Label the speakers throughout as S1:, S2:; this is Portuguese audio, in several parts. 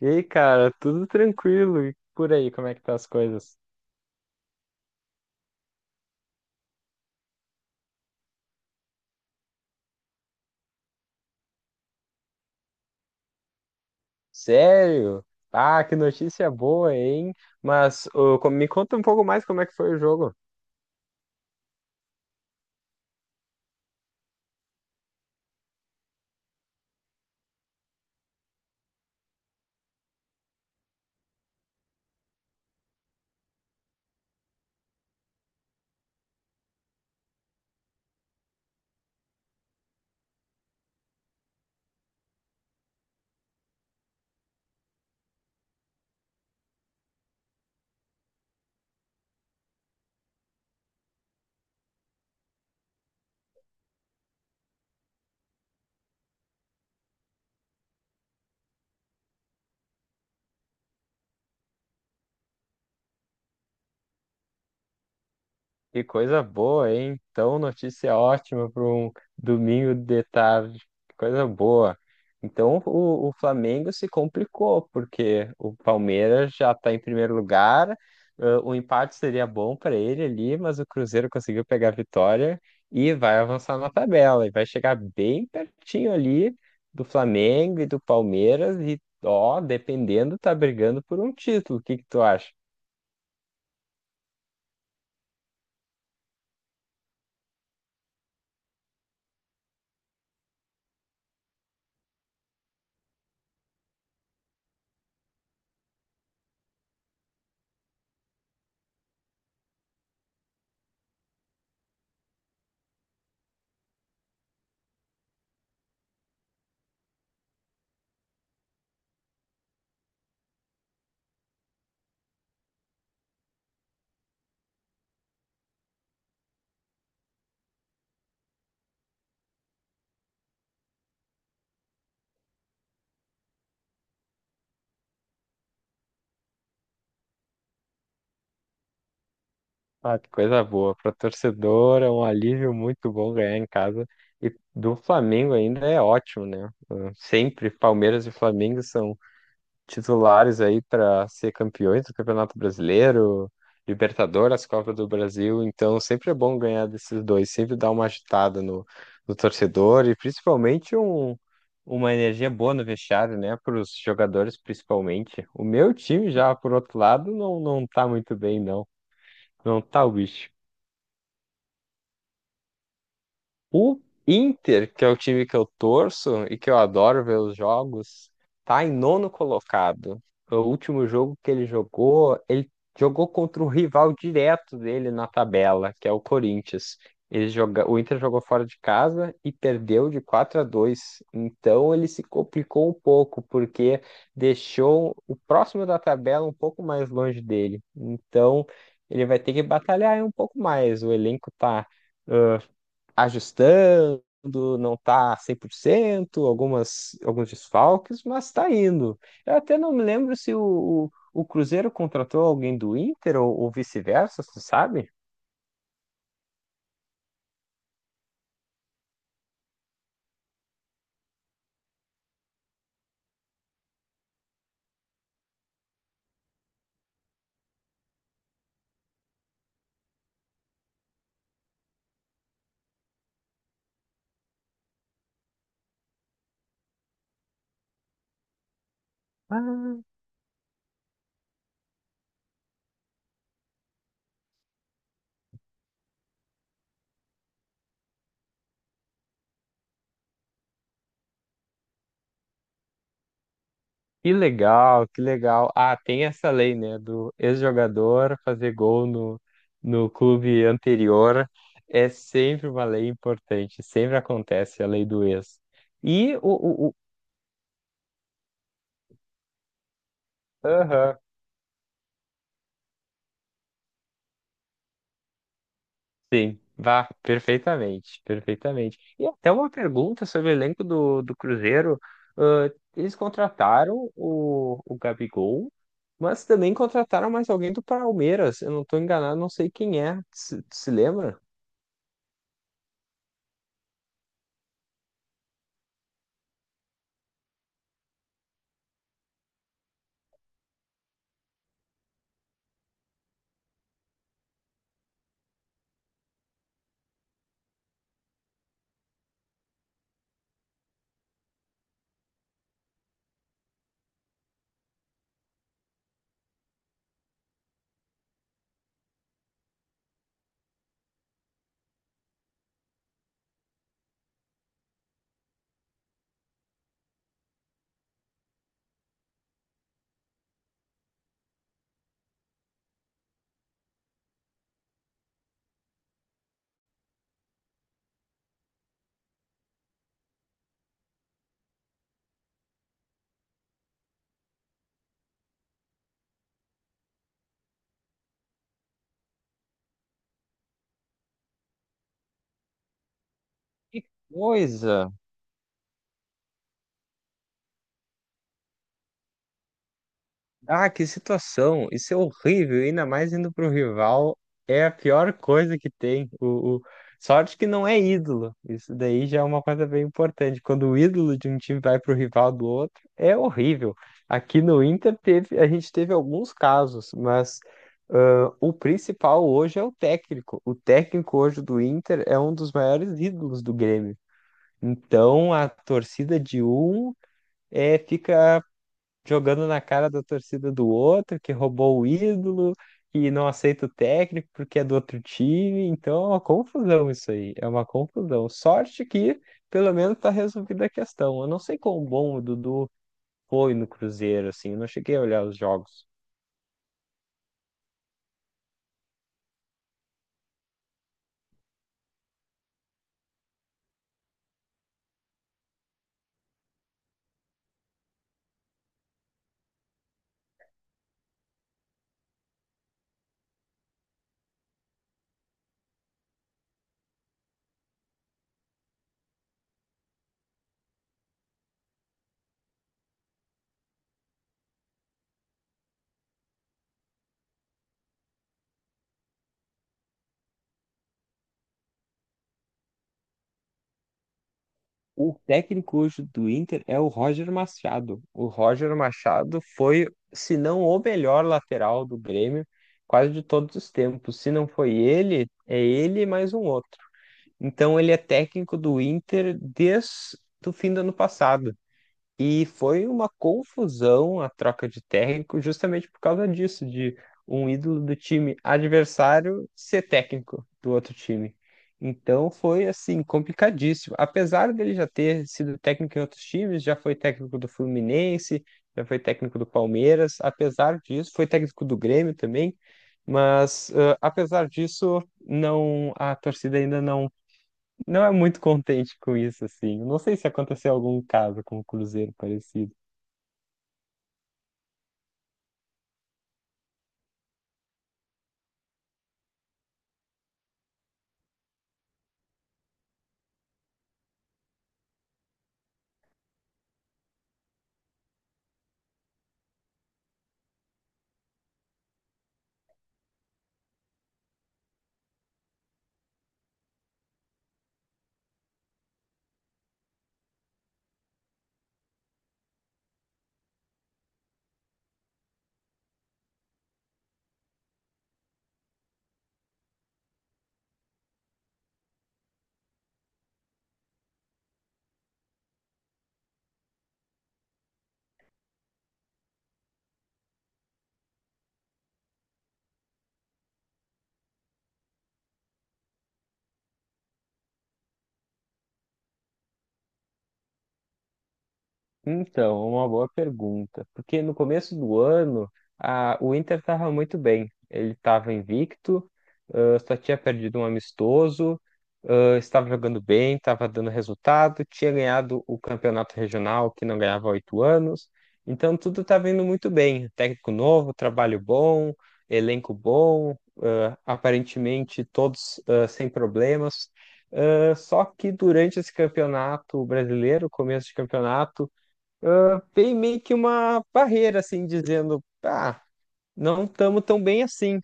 S1: E aí, cara, tudo tranquilo? E por aí, como é que tá as coisas? Sério? Ah, que notícia boa, hein? Mas ô, me conta um pouco mais como é que foi o jogo. Que coisa boa, hein? Então, notícia ótima para um domingo de tarde. Que coisa boa. Então, o Flamengo se complicou, porque o Palmeiras já está em primeiro lugar. O empate seria bom para ele ali, mas o Cruzeiro conseguiu pegar a vitória e vai avançar na tabela. E vai chegar bem pertinho ali do Flamengo e do Palmeiras. E, ó, dependendo, tá brigando por um título. O que que tu acha? Ah, que coisa boa. Para torcedor é um alívio muito bom ganhar em casa. E do Flamengo ainda é ótimo, né? Sempre Palmeiras e Flamengo são titulares aí para ser campeões do Campeonato Brasileiro, Libertadores, Copa do Brasil. Então sempre é bom ganhar desses dois. Sempre dá uma agitada no torcedor e principalmente uma energia boa no vestiário, né? Para os jogadores, principalmente. O meu time já, por outro lado, não tá muito bem, não. Não tá o bicho. O Inter, que é o time que eu torço e que eu adoro ver os jogos, tá em nono colocado. O último jogo que ele jogou contra o rival direto dele na tabela, que é o Corinthians. Ele joga... O Inter jogou fora de casa e perdeu de 4-2. Então ele se complicou um pouco, porque deixou o próximo da tabela um pouco mais longe dele. Então ele vai ter que batalhar aí um pouco mais. O elenco tá ajustando, não está 100% algumas, alguns desfalques, mas está indo. Eu até não me lembro se o Cruzeiro contratou alguém do Inter ou vice-versa, você sabe? Ah, que legal, que legal. Ah, tem essa lei, né, do ex-jogador fazer gol no clube anterior. É sempre uma lei importante, sempre acontece a lei do ex. E o, o, o, aham. Sim, vá, perfeitamente, perfeitamente. E até uma pergunta sobre o elenco do Cruzeiro. Ah, eles contrataram o Gabigol, mas também contrataram mais alguém do Palmeiras. Eu não estou enganado, não sei quem é. Se lembra? Coisa. Ah, que situação! Isso é horrível, ainda mais indo para o rival. É a pior coisa que tem. Sorte que não é ídolo. Isso daí já é uma coisa bem importante. Quando o ídolo de um time vai para o rival do outro, é horrível. Aqui no Inter teve, a gente teve alguns casos, mas o principal hoje é o técnico. O técnico hoje do Inter é um dos maiores ídolos do Grêmio. Então a torcida de um fica jogando na cara da torcida do outro, que roubou o ídolo e não aceita o técnico porque é do outro time. Então é uma confusão isso aí, é uma confusão. Sorte que pelo menos tá resolvida a questão. Eu não sei quão bom o Dudu foi no Cruzeiro, assim, eu não cheguei a olhar os jogos. O técnico hoje do Inter é o Roger Machado. O Roger Machado foi, se não o melhor lateral do Grêmio, quase de todos os tempos. Se não foi ele, é ele e mais um outro. Então ele é técnico do Inter desde o fim do ano passado. E foi uma confusão a troca de técnico justamente por causa disso, de um ídolo do time adversário ser técnico do outro time. Então foi assim, complicadíssimo. Apesar dele já ter sido técnico em outros times, já foi técnico do Fluminense, já foi técnico do Palmeiras, apesar disso, foi técnico do Grêmio também, mas apesar disso, não a torcida ainda não é muito contente com isso, assim. Não sei se aconteceu algum caso com o Cruzeiro parecido. Então, uma boa pergunta. Porque no começo do ano, o Inter estava muito bem. Ele estava invicto, só tinha perdido um amistoso, estava jogando bem, estava dando resultado, tinha ganhado o campeonato regional, que não ganhava há 8 anos. Então, tudo estava indo muito bem. Técnico novo, trabalho bom, elenco bom, aparentemente todos, sem problemas. Só que durante esse campeonato brasileiro, começo de campeonato, tem meio que uma barreira, assim, dizendo, ah, não estamos tão bem assim.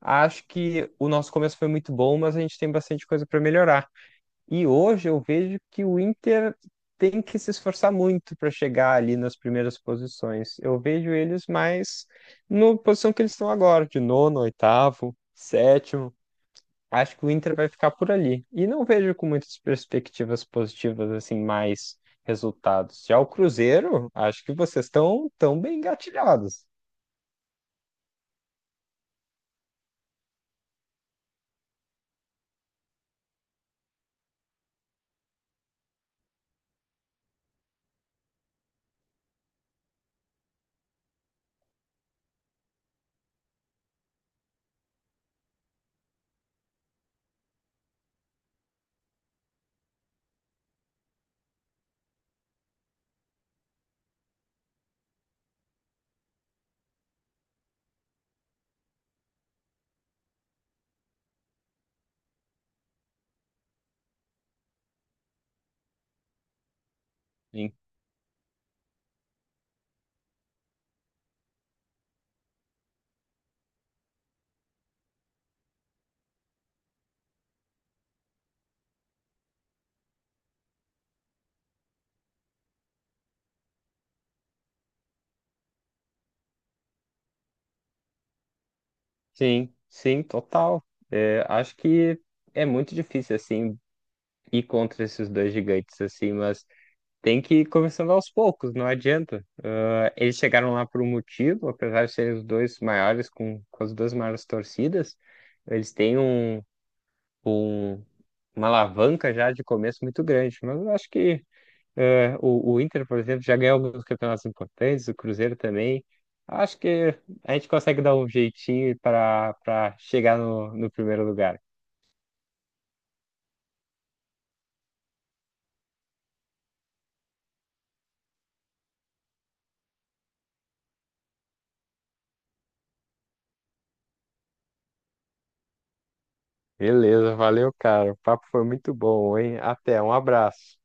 S1: Acho que o nosso começo foi muito bom, mas a gente tem bastante coisa para melhorar. E hoje eu vejo que o Inter tem que se esforçar muito para chegar ali nas primeiras posições. Eu vejo eles mais na posição que eles estão agora, de nono, oitavo, sétimo. Acho que o Inter vai ficar por ali. E não vejo com muitas perspectivas positivas, assim, mais resultados. Já o Cruzeiro, acho que vocês estão tão bem engatilhados. Sim, sim, sim, total. É, acho que é muito difícil, assim, ir contra esses dois gigantes, assim, mas tem que ir começando aos poucos, não adianta. Ah, eles chegaram lá por um motivo, apesar de serem os dois maiores, com as duas maiores torcidas, eles têm um um uma alavanca já de começo muito grande. Mas eu acho que o Inter, por exemplo, já ganhou alguns campeonatos importantes, o Cruzeiro também. Acho que a gente consegue dar um jeitinho para chegar no primeiro lugar. Beleza, valeu, cara. O papo foi muito bom, hein? Até, um abraço.